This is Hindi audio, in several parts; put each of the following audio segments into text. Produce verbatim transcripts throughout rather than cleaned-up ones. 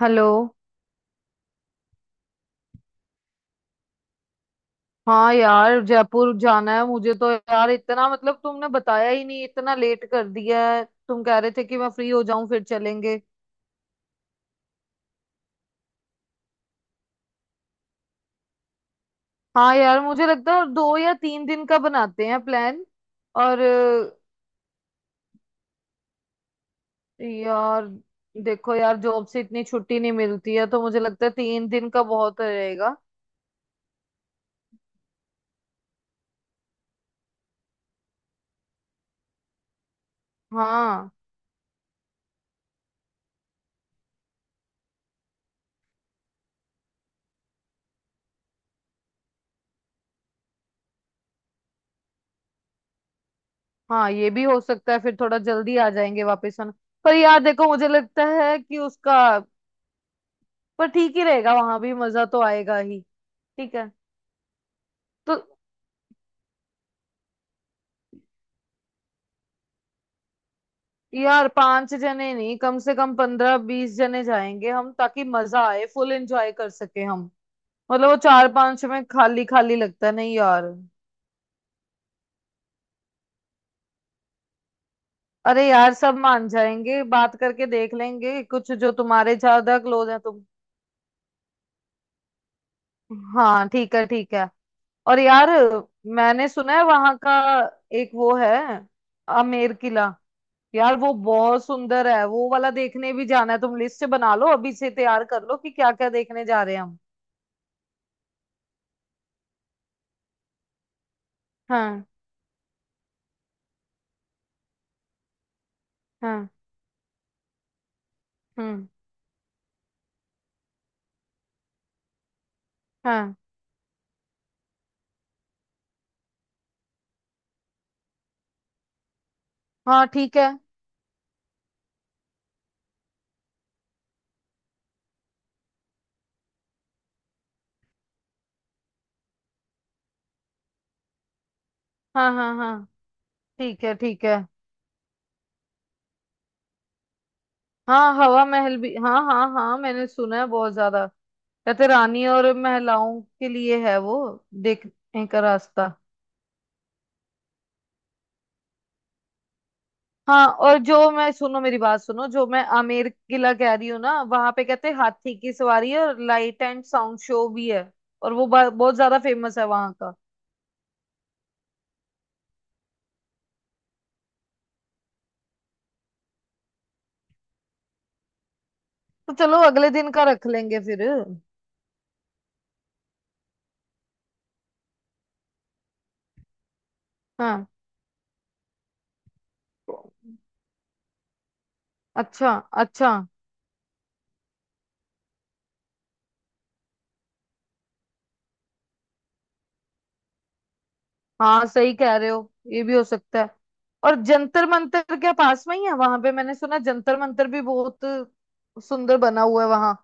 हेलो। हाँ यार, जयपुर जाना है मुझे तो। यार इतना, मतलब तुमने बताया ही नहीं, इतना लेट कर दिया है। तुम कह रहे थे कि मैं फ्री हो जाऊं फिर चलेंगे। हाँ यार, मुझे लगता है दो या तीन दिन का बनाते हैं प्लान। और अ, यार देखो यार, जॉब से इतनी छुट्टी नहीं मिलती है, तो मुझे लगता है तीन दिन का बहुत रहेगा। हाँ हाँ, ये भी हो सकता है, फिर थोड़ा जल्दी आ जाएंगे वापस हम। पर यार देखो, मुझे लगता है कि उसका पर ठीक ही रहेगा, वहां भी मजा तो आएगा ही। ठीक है। तो यार, पांच जने नहीं, कम से कम पंद्रह बीस जने जाएंगे हम, ताकि मजा आए, फुल एंजॉय कर सके हम। मतलब वो चार पांच में खाली खाली लगता नहीं यार। अरे यार, सब मान जाएंगे, बात करके देख लेंगे। कुछ जो तुम्हारे ज्यादा क्लोज है तुम। हाँ ठीक है, ठीक है। और यार, मैंने सुना है वहां का एक वो है, आमेर किला। यार वो बहुत सुंदर है, वो वाला देखने भी जाना है। तुम लिस्ट बना लो, अभी से तैयार कर लो कि क्या क्या देखने जा रहे हैं हम। हाँ हाँ। हम्म। हाँ हाँ, ठीक है। हाँ हाँ हाँ। ठीक है, ठीक है। हाँ, हवा महल भी, हाँ हाँ हाँ, मैंने सुना है बहुत ज्यादा। कहते रानी और महिलाओं के लिए है वो, देखने का रास्ता। हाँ, और जो मैं, सुनो मेरी बात सुनो, जो मैं आमेर किला कह रही हूँ ना, वहां पे कहते हैं हाथी की सवारी है, और लाइट एंड साउंड शो भी है। और वो ब- बहुत ज्यादा फेमस है वहां का। तो चलो अगले दिन का रख लेंगे फिर। हाँ। अच्छा। अच्छा। हाँ सही कह रहे हो, ये भी हो सकता है। और जंतर मंतर क्या पास में ही है वहां पे? मैंने सुना जंतर मंतर भी बहुत सुंदर बना हुआ है वहां।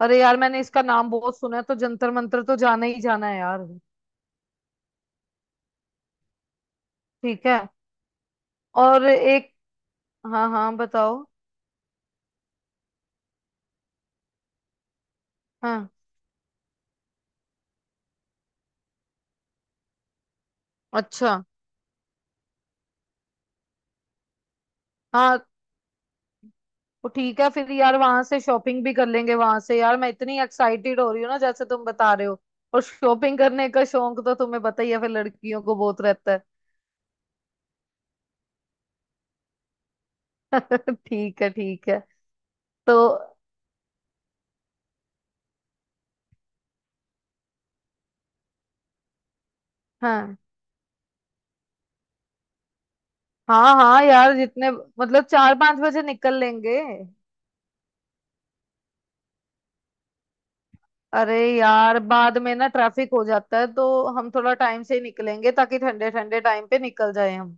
अरे यार, मैंने इसका नाम बहुत सुना है, तो जंतर मंतर तो जाना ही जाना है यार। ठीक है। और एक, हाँ हाँ बताओ। हाँ। अच्छा। हाँ तो ठीक है फिर यार, वहां से शॉपिंग भी कर लेंगे वहां से। यार मैं इतनी एक्साइटेड हो रही हूँ ना जैसे तुम बता रहे हो। और शॉपिंग करने का शौक तो तुम्हें पता ही है, फिर लड़कियों को बहुत रहता है। ठीक है, ठीक है। तो हाँ। हाँ हाँ यार, जितने मतलब चार पांच बजे निकल लेंगे। अरे यार, बाद में ना ट्रैफिक हो जाता है, तो हम थोड़ा टाइम से ही निकलेंगे, ताकि ठंडे ठंडे टाइम पे निकल जाए हम।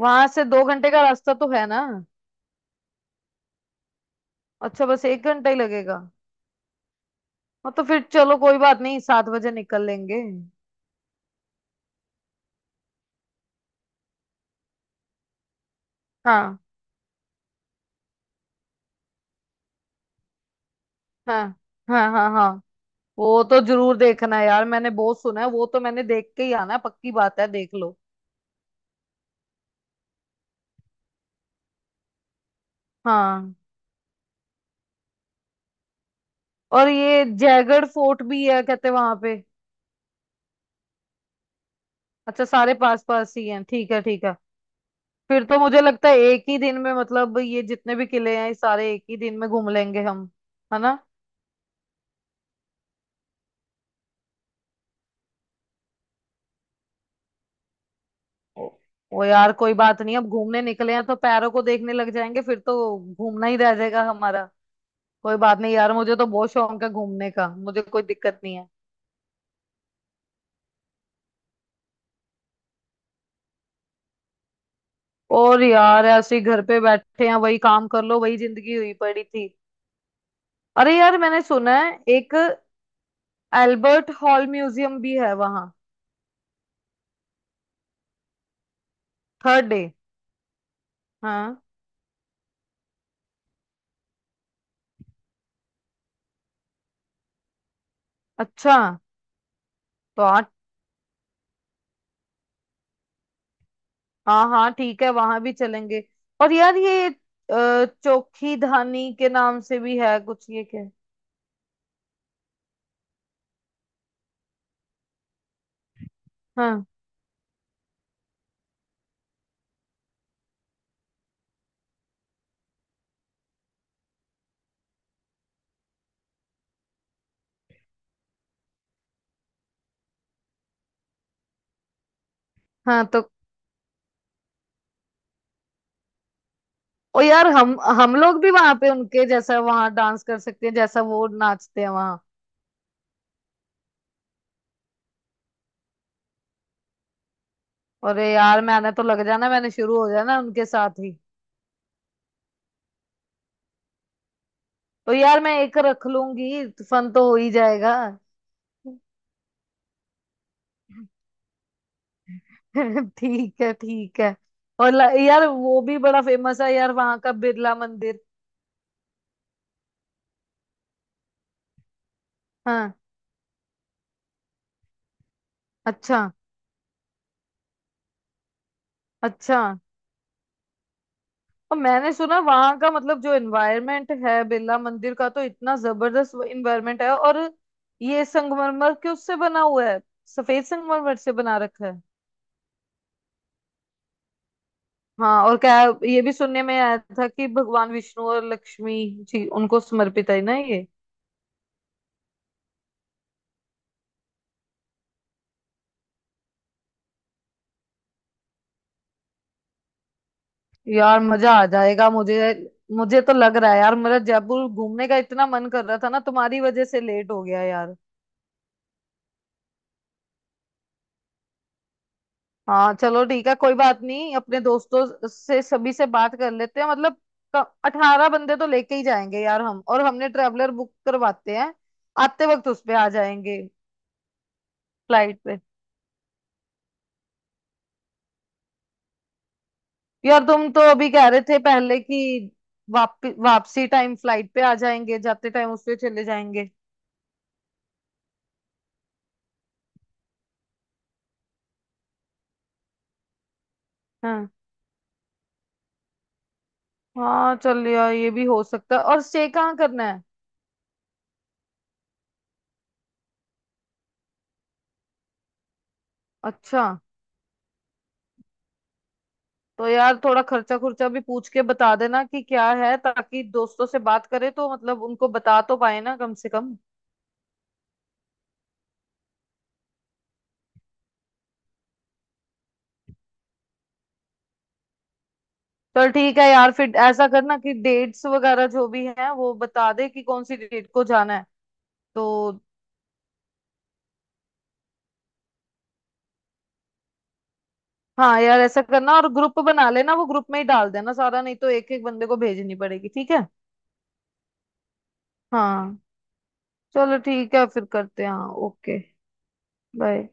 वहां से दो घंटे का रास्ता तो है ना? अच्छा, बस एक घंटा ही लगेगा। हाँ तो फिर चलो, कोई बात नहीं, सात बजे निकल लेंगे। हाँ हाँ। हाँ हाँ। हाँ, वो तो जरूर देखना है यार, मैंने बहुत सुना है। वो तो मैंने देख के ही आना है, पक्की बात है, देख लो। हाँ। और ये जयगढ़ फोर्ट भी है कहते वहां पे। अच्छा, सारे पास पास ही हैं। ठीक है, ठीक है। फिर तो मुझे लगता है एक ही दिन में, मतलब ये जितने भी किले हैं ये सारे एक ही दिन में घूम लेंगे हम। है ना? ओ, वो यार कोई बात नहीं, अब घूमने निकले हैं तो पैरों को देखने लग जाएंगे फिर तो घूमना ही रह जाएगा हमारा। कोई बात नहीं यार, मुझे तो बहुत शौक है घूमने का, मुझे कोई दिक्कत नहीं है। और यार ऐसे ही घर पे बैठे हैं, वही काम कर लो, वही जिंदगी हुई पड़ी थी। अरे यार, मैंने सुना है एक एल्बर्ट हॉल म्यूजियम भी है वहाँ। Third day. हाँ। अच्छा। तो हाँ। हाँ हाँ ठीक है, वहां भी चलेंगे। और यार ये अ, चोखी धानी के नाम से भी है कुछ, ये क्या? हाँ। हाँ तो। ओ यार, हम हम लोग भी वहां पे उनके जैसा वहां डांस कर सकते हैं, जैसा वो नाचते हैं वहां। अरे यार, मैंने तो लग जाना, मैंने शुरू हो जाना उनके साथ ही। तो यार मैं एक रख लूंगी, फन तो हो ही जाएगा। ठीक है, ठीक है। और ल- यार वो भी बड़ा फेमस है यार वहां का, बिरला मंदिर। हाँ। अच्छा। अच्छा। और मैंने सुना वहां का, मतलब जो एनवायरनमेंट है बिरला मंदिर का, तो इतना जबरदस्त एनवायरनमेंट है। और ये संगमरमर के उससे बना हुआ है, सफेद संगमरमर से बना रखा है। हाँ। और क्या, ये भी सुनने में आया था कि भगवान विष्णु और लक्ष्मी जी, उनको समर्पित है ना ये। यार मजा आ जाएगा मुझे, मुझे तो लग रहा है। यार मेरा जयपुर घूमने का इतना मन कर रहा था ना, तुम्हारी वजह से लेट हो गया यार। हाँ, चलो ठीक है, कोई बात नहीं, अपने दोस्तों से सभी से बात कर लेते हैं। मतलब अठारह बंदे तो लेके ही जाएंगे यार हम, और हमने ट्रेवलर बुक करवाते हैं, आते वक्त उस पे आ जाएंगे। फ्लाइट पे? यार तुम तो अभी कह रहे थे पहले कि वाप, वापसी टाइम फ्लाइट पे आ जाएंगे, जाते टाइम उस पे चले जाएंगे। हाँ। हाँ चल यार, ये भी हो सकता है। और स्टे कहाँ करना है? अच्छा। तो यार थोड़ा खर्चा खुर्चा भी पूछ के बता देना कि क्या है, ताकि दोस्तों से बात करे तो मतलब उनको बता तो पाए ना कम से कम। चल ठीक है यार, फिर ऐसा करना कि डेट्स वगैरह जो भी है वो बता दे, कि कौन सी डेट को जाना है। तो हाँ यार ऐसा करना, और ग्रुप बना लेना, वो ग्रुप में ही डाल देना सारा, नहीं तो एक एक बंदे को भेजनी पड़ेगी। ठीक है। हाँ चलो ठीक है, फिर करते हैं हाँ, ओके, बाय।